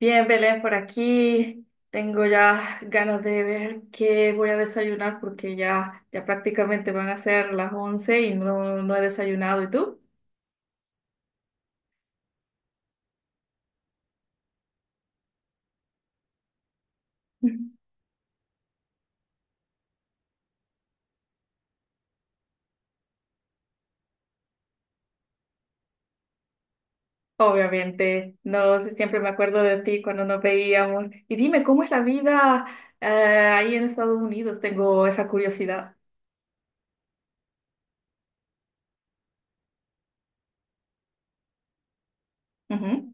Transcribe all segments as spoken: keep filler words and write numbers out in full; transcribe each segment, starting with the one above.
Bien, Belén, por aquí. Tengo ya ganas de ver qué voy a desayunar porque ya, ya prácticamente van a ser las once y no, no he desayunado. ¿Y tú? Obviamente, no sé, siempre me acuerdo de ti cuando nos veíamos. Y dime, ¿cómo es la vida eh, ahí en Estados Unidos? Tengo esa curiosidad. Ujú,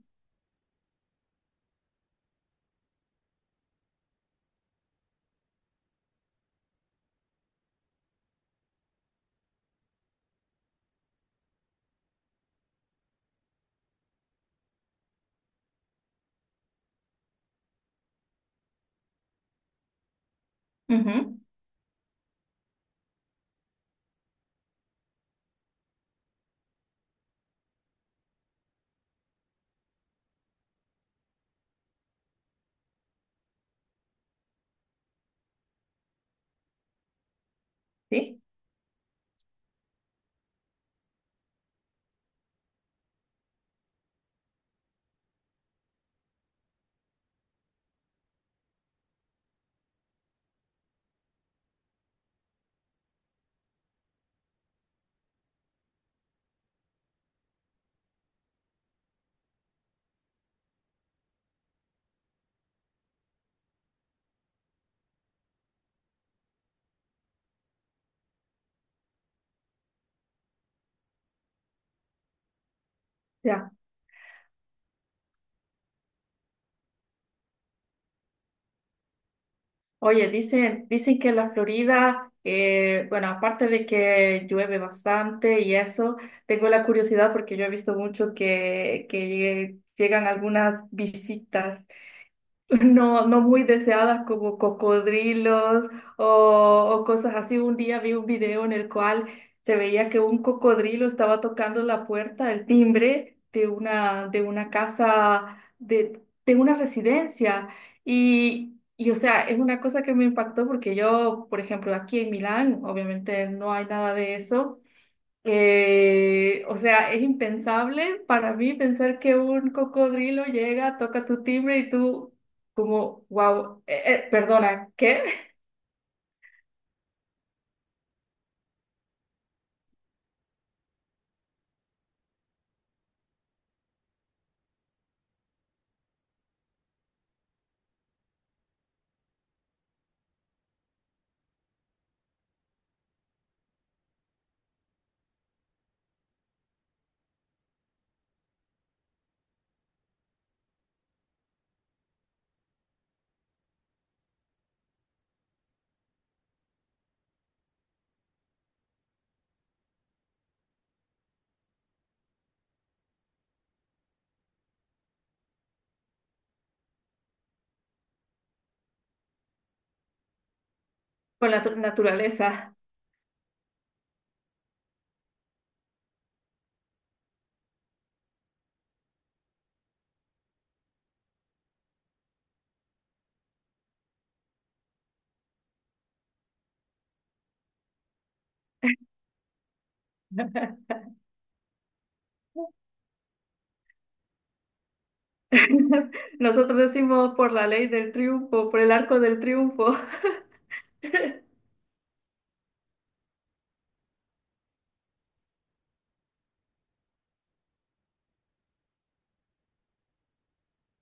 ujú. Sí, ya. Oye, dicen, dicen que la Florida, eh, bueno, aparte de que llueve bastante y eso, tengo la curiosidad porque yo he visto mucho que, que llegan algunas visitas no, no muy deseadas como cocodrilos o, o cosas así. Un día vi un video en el cual se veía que un cocodrilo estaba tocando la puerta, el timbre de una, de una casa, de, de una residencia. Y, y, o sea, es una cosa que me impactó porque yo, por ejemplo, aquí en Milán, obviamente no hay nada de eso. Eh, o sea, es impensable para mí pensar que un cocodrilo llega, toca tu timbre y tú como, wow, perdona, ¿qué? Con la tu- naturaleza. Nosotros decimos por la ley del triunfo, por el arco del triunfo.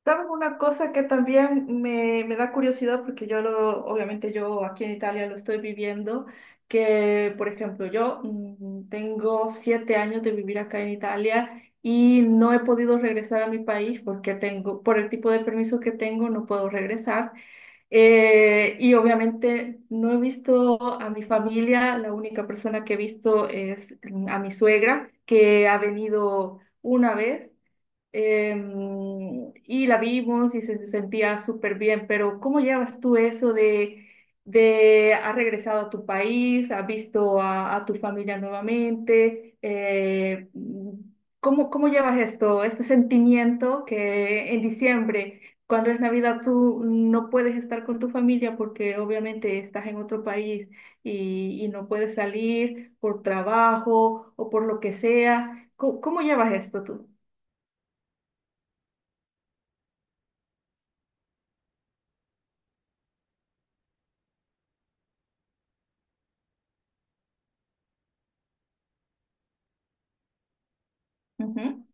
¿Sabes una cosa que también me, me da curiosidad? Porque yo lo, obviamente yo aquí en Italia lo estoy viviendo, que por ejemplo yo mm, tengo siete años de vivir acá en Italia y no he podido regresar a mi país porque tengo, por el tipo de permiso que tengo, no puedo regresar. Eh, y obviamente no he visto a mi familia, la única persona que he visto es mm, a mi suegra, que ha venido una vez, em, y la vimos y se sentía súper bien, pero ¿cómo llevas tú eso de, de has regresado a tu país, has visto a, a tu familia nuevamente? Eh, ¿cómo, cómo llevas esto, este sentimiento que en diciembre, cuando es Navidad, tú no puedes estar con tu familia porque obviamente estás en otro país y, y no puedes salir por trabajo o por lo que sea? ¿Cómo, cómo llevas esto tú? Ujú.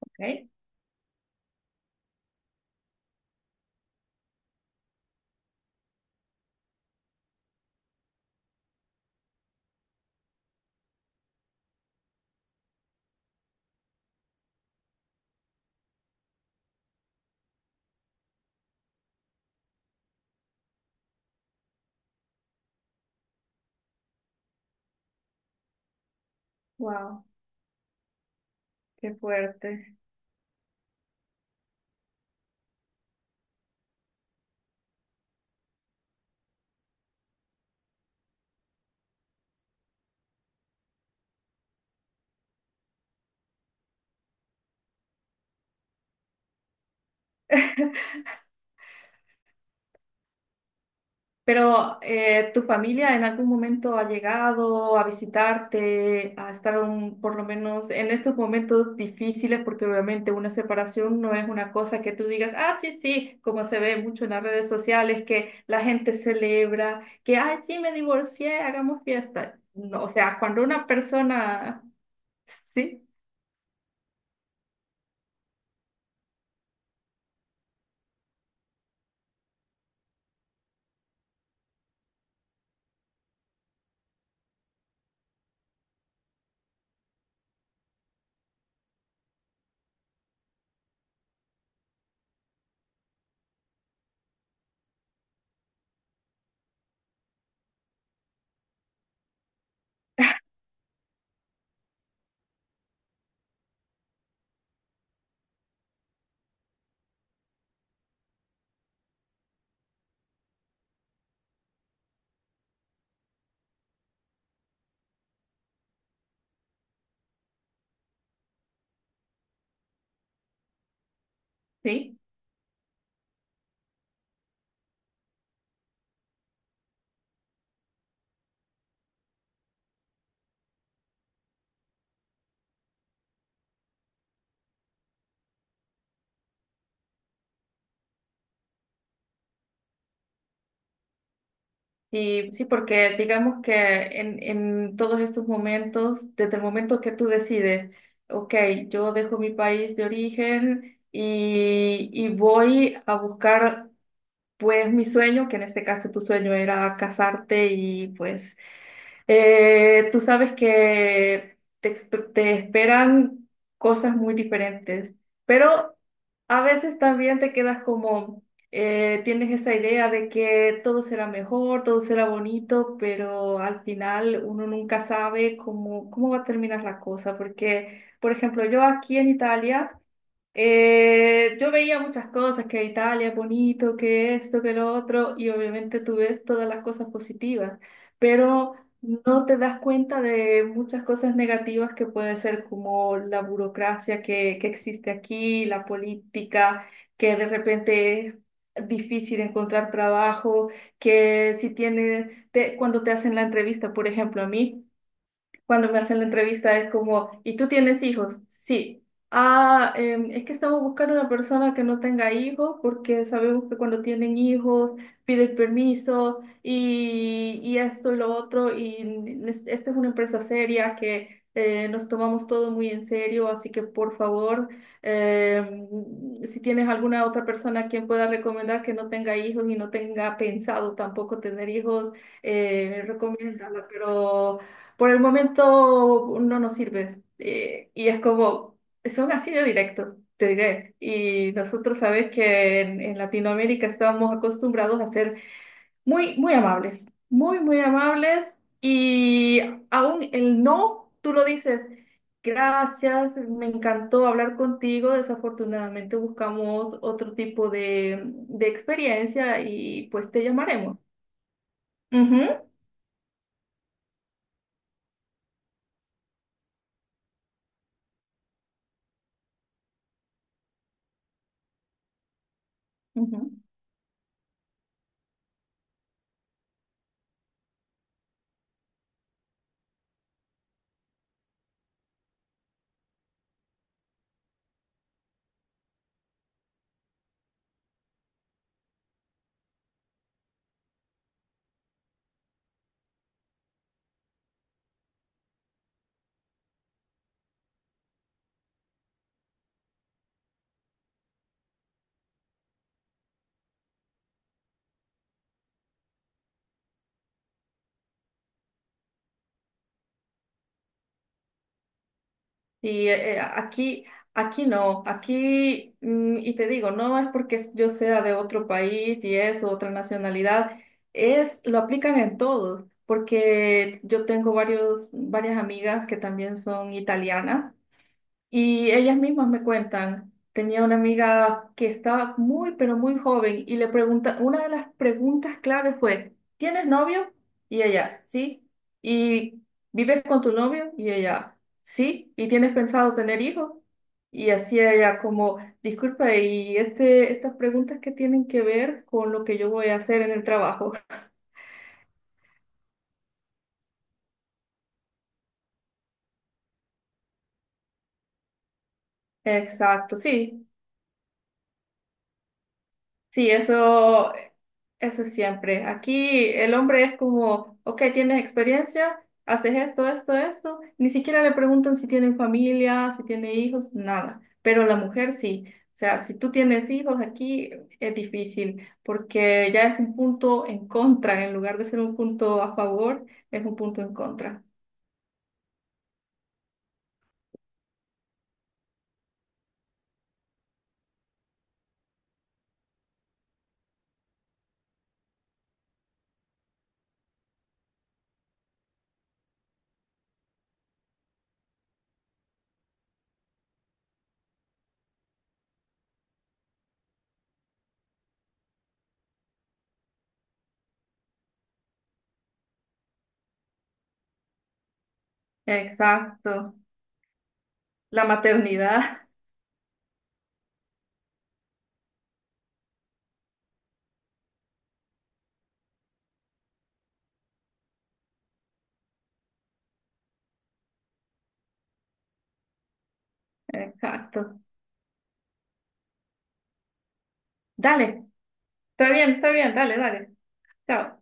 ¿Ok? Wow, qué fuerte. Pero eh, ¿tu familia en algún momento ha llegado a visitarte, a estar un- por lo menos en estos momentos difíciles? Porque obviamente una separación no es una cosa que tú digas, ah, sí, sí, como se ve mucho en las redes sociales, que la gente celebra, que, ay, sí, me divorcié, hagamos fiesta. No, o sea, cuando una persona, sí, sí. Sí, sí, porque digamos que en, en todos estos momentos, desde el momento que tú decides, ok, yo dejo mi país de origen y, y voy a buscar pues mi sueño, que en este caso tu sueño era casarte y pues eh, tú sabes que te, exp- te esperan cosas muy diferentes, pero a veces también te quedas como, eh, tienes esa idea de que todo será mejor, todo será bonito, pero al final uno nunca sabe cómo, cómo va a terminar la cosa, porque, por ejemplo, yo aquí en Italia eh, yo veía muchas cosas, que Italia es bonito, que esto, que lo otro, y obviamente tú ves todas las cosas positivas, pero no te das cuenta de muchas cosas negativas que puede ser como la burocracia que, que existe aquí, la política, que de repente es difícil encontrar trabajo, que si tiene, te- cuando te hacen la entrevista, por ejemplo, a mí cuando me hacen la entrevista es como, ¿y tú tienes hijos? Sí. Ah, em, es que estamos buscando una persona que no tenga hijos porque sabemos que cuando tienen hijos piden permiso y, y esto y lo otro y es- esta es una empresa seria que eh, nos tomamos todo muy en serio, así que por favor, em, si tienes alguna otra persona a quien pueda recomendar que no tenga hijos y no tenga pensado tampoco tener hijos, eh, recomiéndala, pero por el momento no nos sirve. Eh, y es como, son así de directos, te diré. Y nosotros sabes que en, en Latinoamérica estamos acostumbrados a ser muy, muy amables, muy, muy amables. Y aún el no, tú lo dices, gracias, me encantó hablar contigo. Desafortunadamente buscamos otro tipo de, de experiencia y pues te llamaremos. Ujú, ujú. Sí, eh, eh, aquí, aquí no, aquí, mm, y te digo, no es porque yo sea de otro país y eso, otra nacionalidad, es, lo aplican en todos, porque yo tengo varios, varias amigas que también son italianas y ellas mismas me cuentan, tenía una amiga que estaba muy, pero muy joven y le pregunta, una de las preguntas clave fue, ¿tienes novio? Y ella, sí. ¿Y vives con tu novio? Y ella, sí. ¿Y tienes pensado tener hijos? Y así ella como, disculpa, y este, estas preguntas que tienen que ver con lo que yo voy a hacer en el trabajo. Exacto, sí. Sí, eso. Eso siempre. Aquí el hombre es como, ok, tienes experiencia, haces esto, esto, esto. Ni siquiera le preguntan si tienen familia, si tiene hijos, nada. Pero la mujer sí. O sea, si tú tienes hijos aquí es difícil porque ya es un punto en contra. En lugar de ser un punto a favor, es un punto en contra. Exacto. La maternidad. Exacto. Dale. Está bien, está bien. Dale, dale. Chao.